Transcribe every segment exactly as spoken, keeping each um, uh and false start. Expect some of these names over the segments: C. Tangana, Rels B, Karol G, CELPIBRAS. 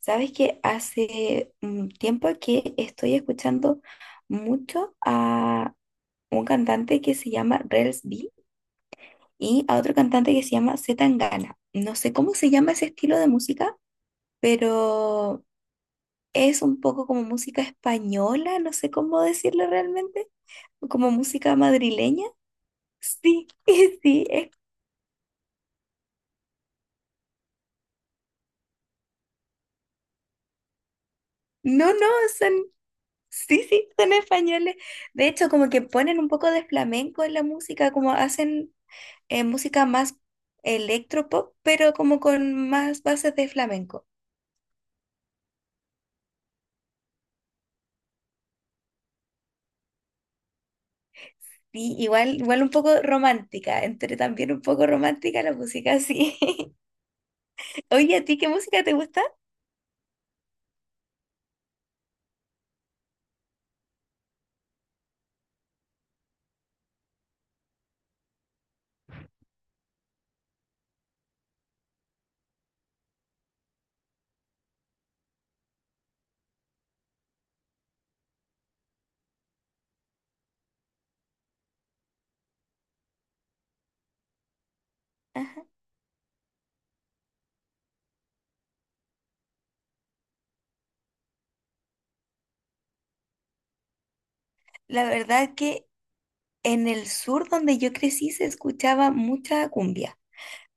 Sabes que hace un tiempo que estoy escuchando mucho a un cantante que se llama Rels B y a otro cantante que se llama C. Tangana. No sé cómo se llama ese estilo de música, pero es un poco como música española, no sé cómo decirlo realmente, como música madrileña. Sí, sí, es- no, no, son, sí, sí, son españoles. De hecho, como que ponen un poco de flamenco en la música, como hacen eh, música más electropop, pero como con más bases de flamenco. Y igual, igual un poco romántica, entre también un poco romántica la música, sí. Oye, ¿a ti qué música te gusta? Ajá. La verdad que en el sur donde yo crecí se escuchaba mucha cumbia,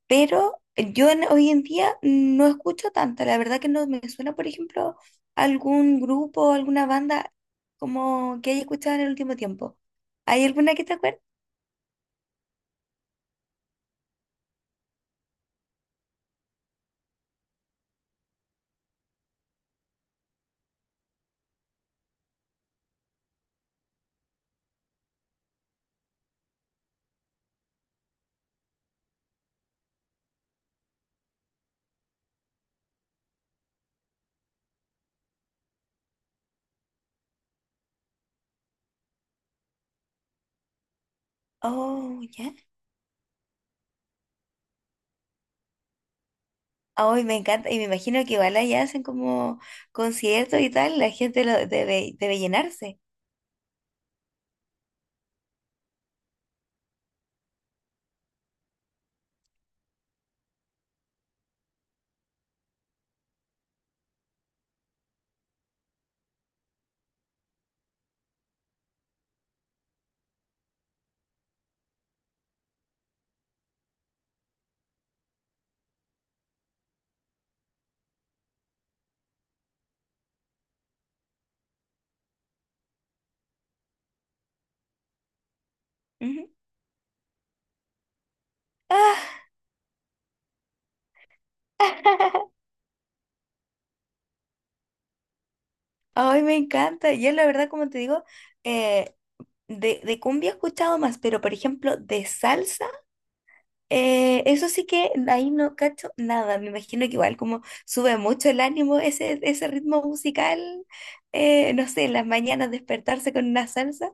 pero yo en- hoy en día no escucho tanta. La verdad que no me suena, por ejemplo, algún grupo, alguna banda como que haya escuchado en el último tiempo. ¿Hay alguna que te acuerdes? Oh, ya. Ay, me encanta, y me imagino que igual allá hacen como conciertos y tal, la gente lo debe, debe llenarse. Ujú. Ah, ay, me encanta. Yo la verdad, como te digo, eh, de, de cumbia he escuchado más, pero por ejemplo, de salsa, eh, eso sí que ahí no cacho nada. Me imagino que igual como sube mucho el ánimo ese, ese ritmo musical, eh, no sé, en las mañanas despertarse con una salsa.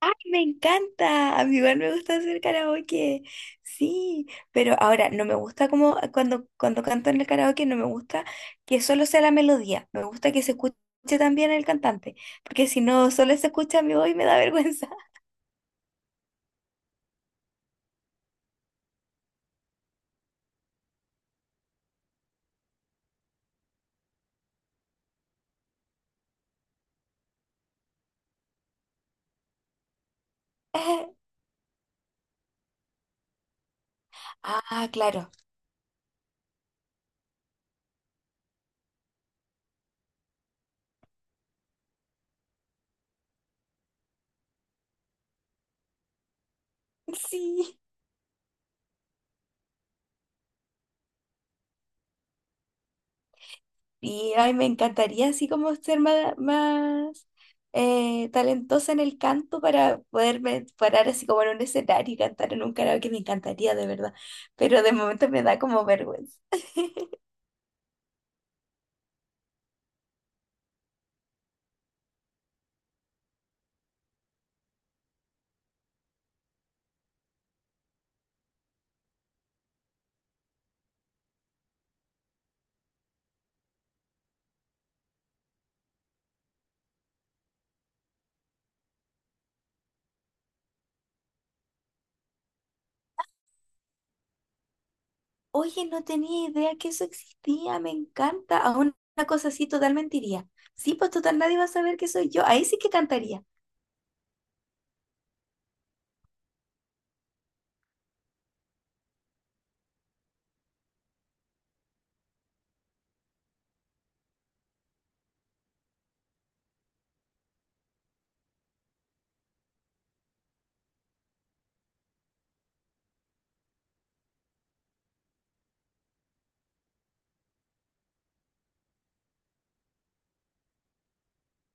¡Ay, me encanta! A mí igual me gusta hacer karaoke. Sí, pero ahora no me gusta como cuando, cuando canto en el karaoke, no me gusta que solo sea la melodía. Me gusta que se escuche también el cantante, porque si no, solo se escucha mi voz y me da vergüenza. Ah, claro. Sí. Y ay, me encantaría así como ser más, más eh, talentosa en el canto para poderme parar así como en un escenario y cantar en un karaoke, me encantaría de verdad, pero de momento me da como vergüenza. Oye, no tenía idea que eso existía, me encanta, a una cosa así totalmente iría. Sí, pues total nadie va a saber que soy yo, ahí sí que cantaría.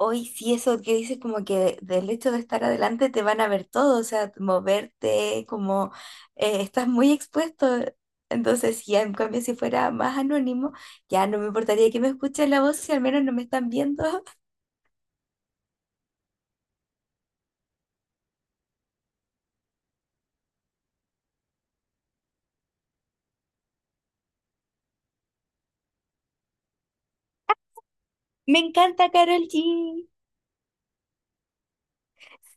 Hoy sí, eso que dices, como que del hecho de estar adelante te van a ver todo, o sea, moverte, como eh, estás muy expuesto. Entonces, ya en cambio, si fuera más anónimo, ya no me importaría que me escuchen la voz si al menos no me están viendo. Me encanta Carol G.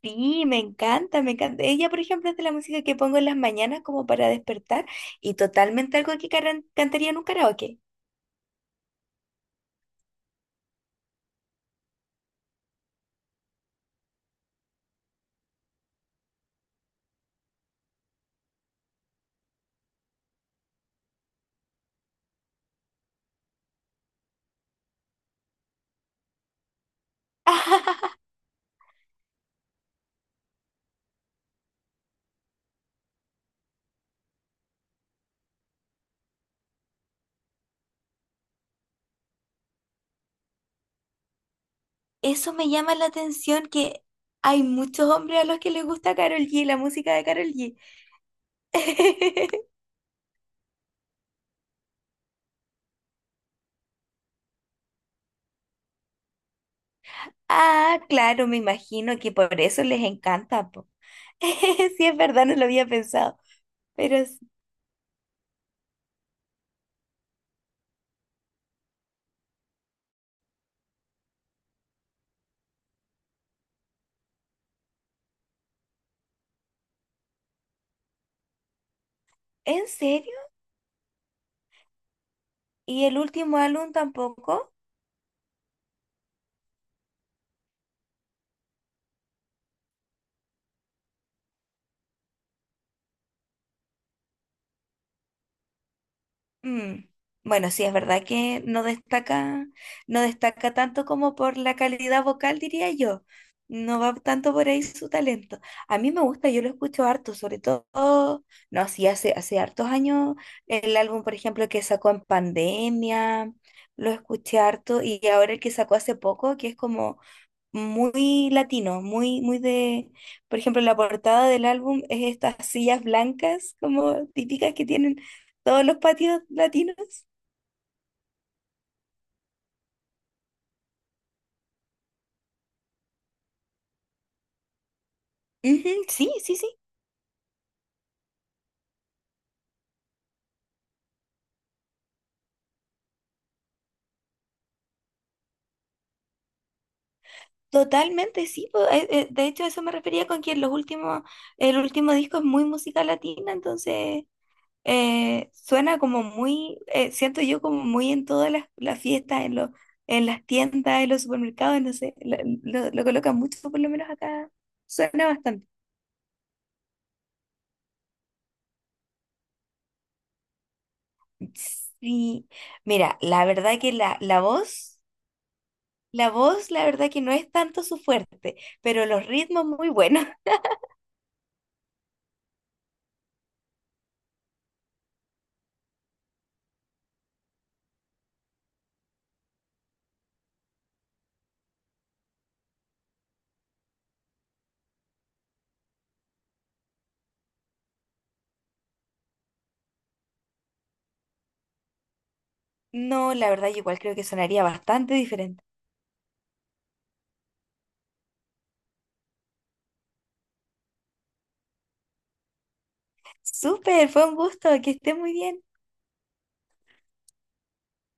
Sí, me encanta, me encanta. Ella, por ejemplo, es de la música que pongo en las mañanas como para despertar y totalmente algo que caran- cantaría en un karaoke. Eso me llama la atención que hay muchos hombres a los que les gusta Karol G, la música de Karol G. Ah, claro, me imagino que por eso les encanta, po. Sí, es verdad, no lo había pensado. Pero, ¿en serio? ¿Y el último álbum tampoco? Mm, bueno, sí, es verdad que no destaca, no destaca tanto como por la calidad vocal, diría yo. No va tanto por ahí su talento. A mí me gusta, yo lo escucho harto, sobre todo, no, sí, hace, hace hartos años, el álbum, por ejemplo, que sacó en pandemia, lo escuché harto, y ahora el que sacó hace poco, que es como muy latino, muy, muy de, por ejemplo, la portada del álbum es estas sillas blancas como típicas que tienen todos los patios latinos. Ujú, sí, sí, sí, totalmente, sí. Po, eh, eh, de hecho, a eso me refería con que los últimos, el último disco es muy música latina, entonces eh, suena como muy, eh, siento yo como muy en todas las, las fiestas, en los, en las tiendas, en los supermercados, no sé, lo, lo- lo colocan mucho, por lo menos acá suena bastante. Sí, mira, la verdad que la, la voz, la voz, la verdad que no es tanto su fuerte, pero los ritmos muy buenos. No, la verdad yo igual creo que sonaría bastante diferente. Súper, fue un gusto, que esté muy bien.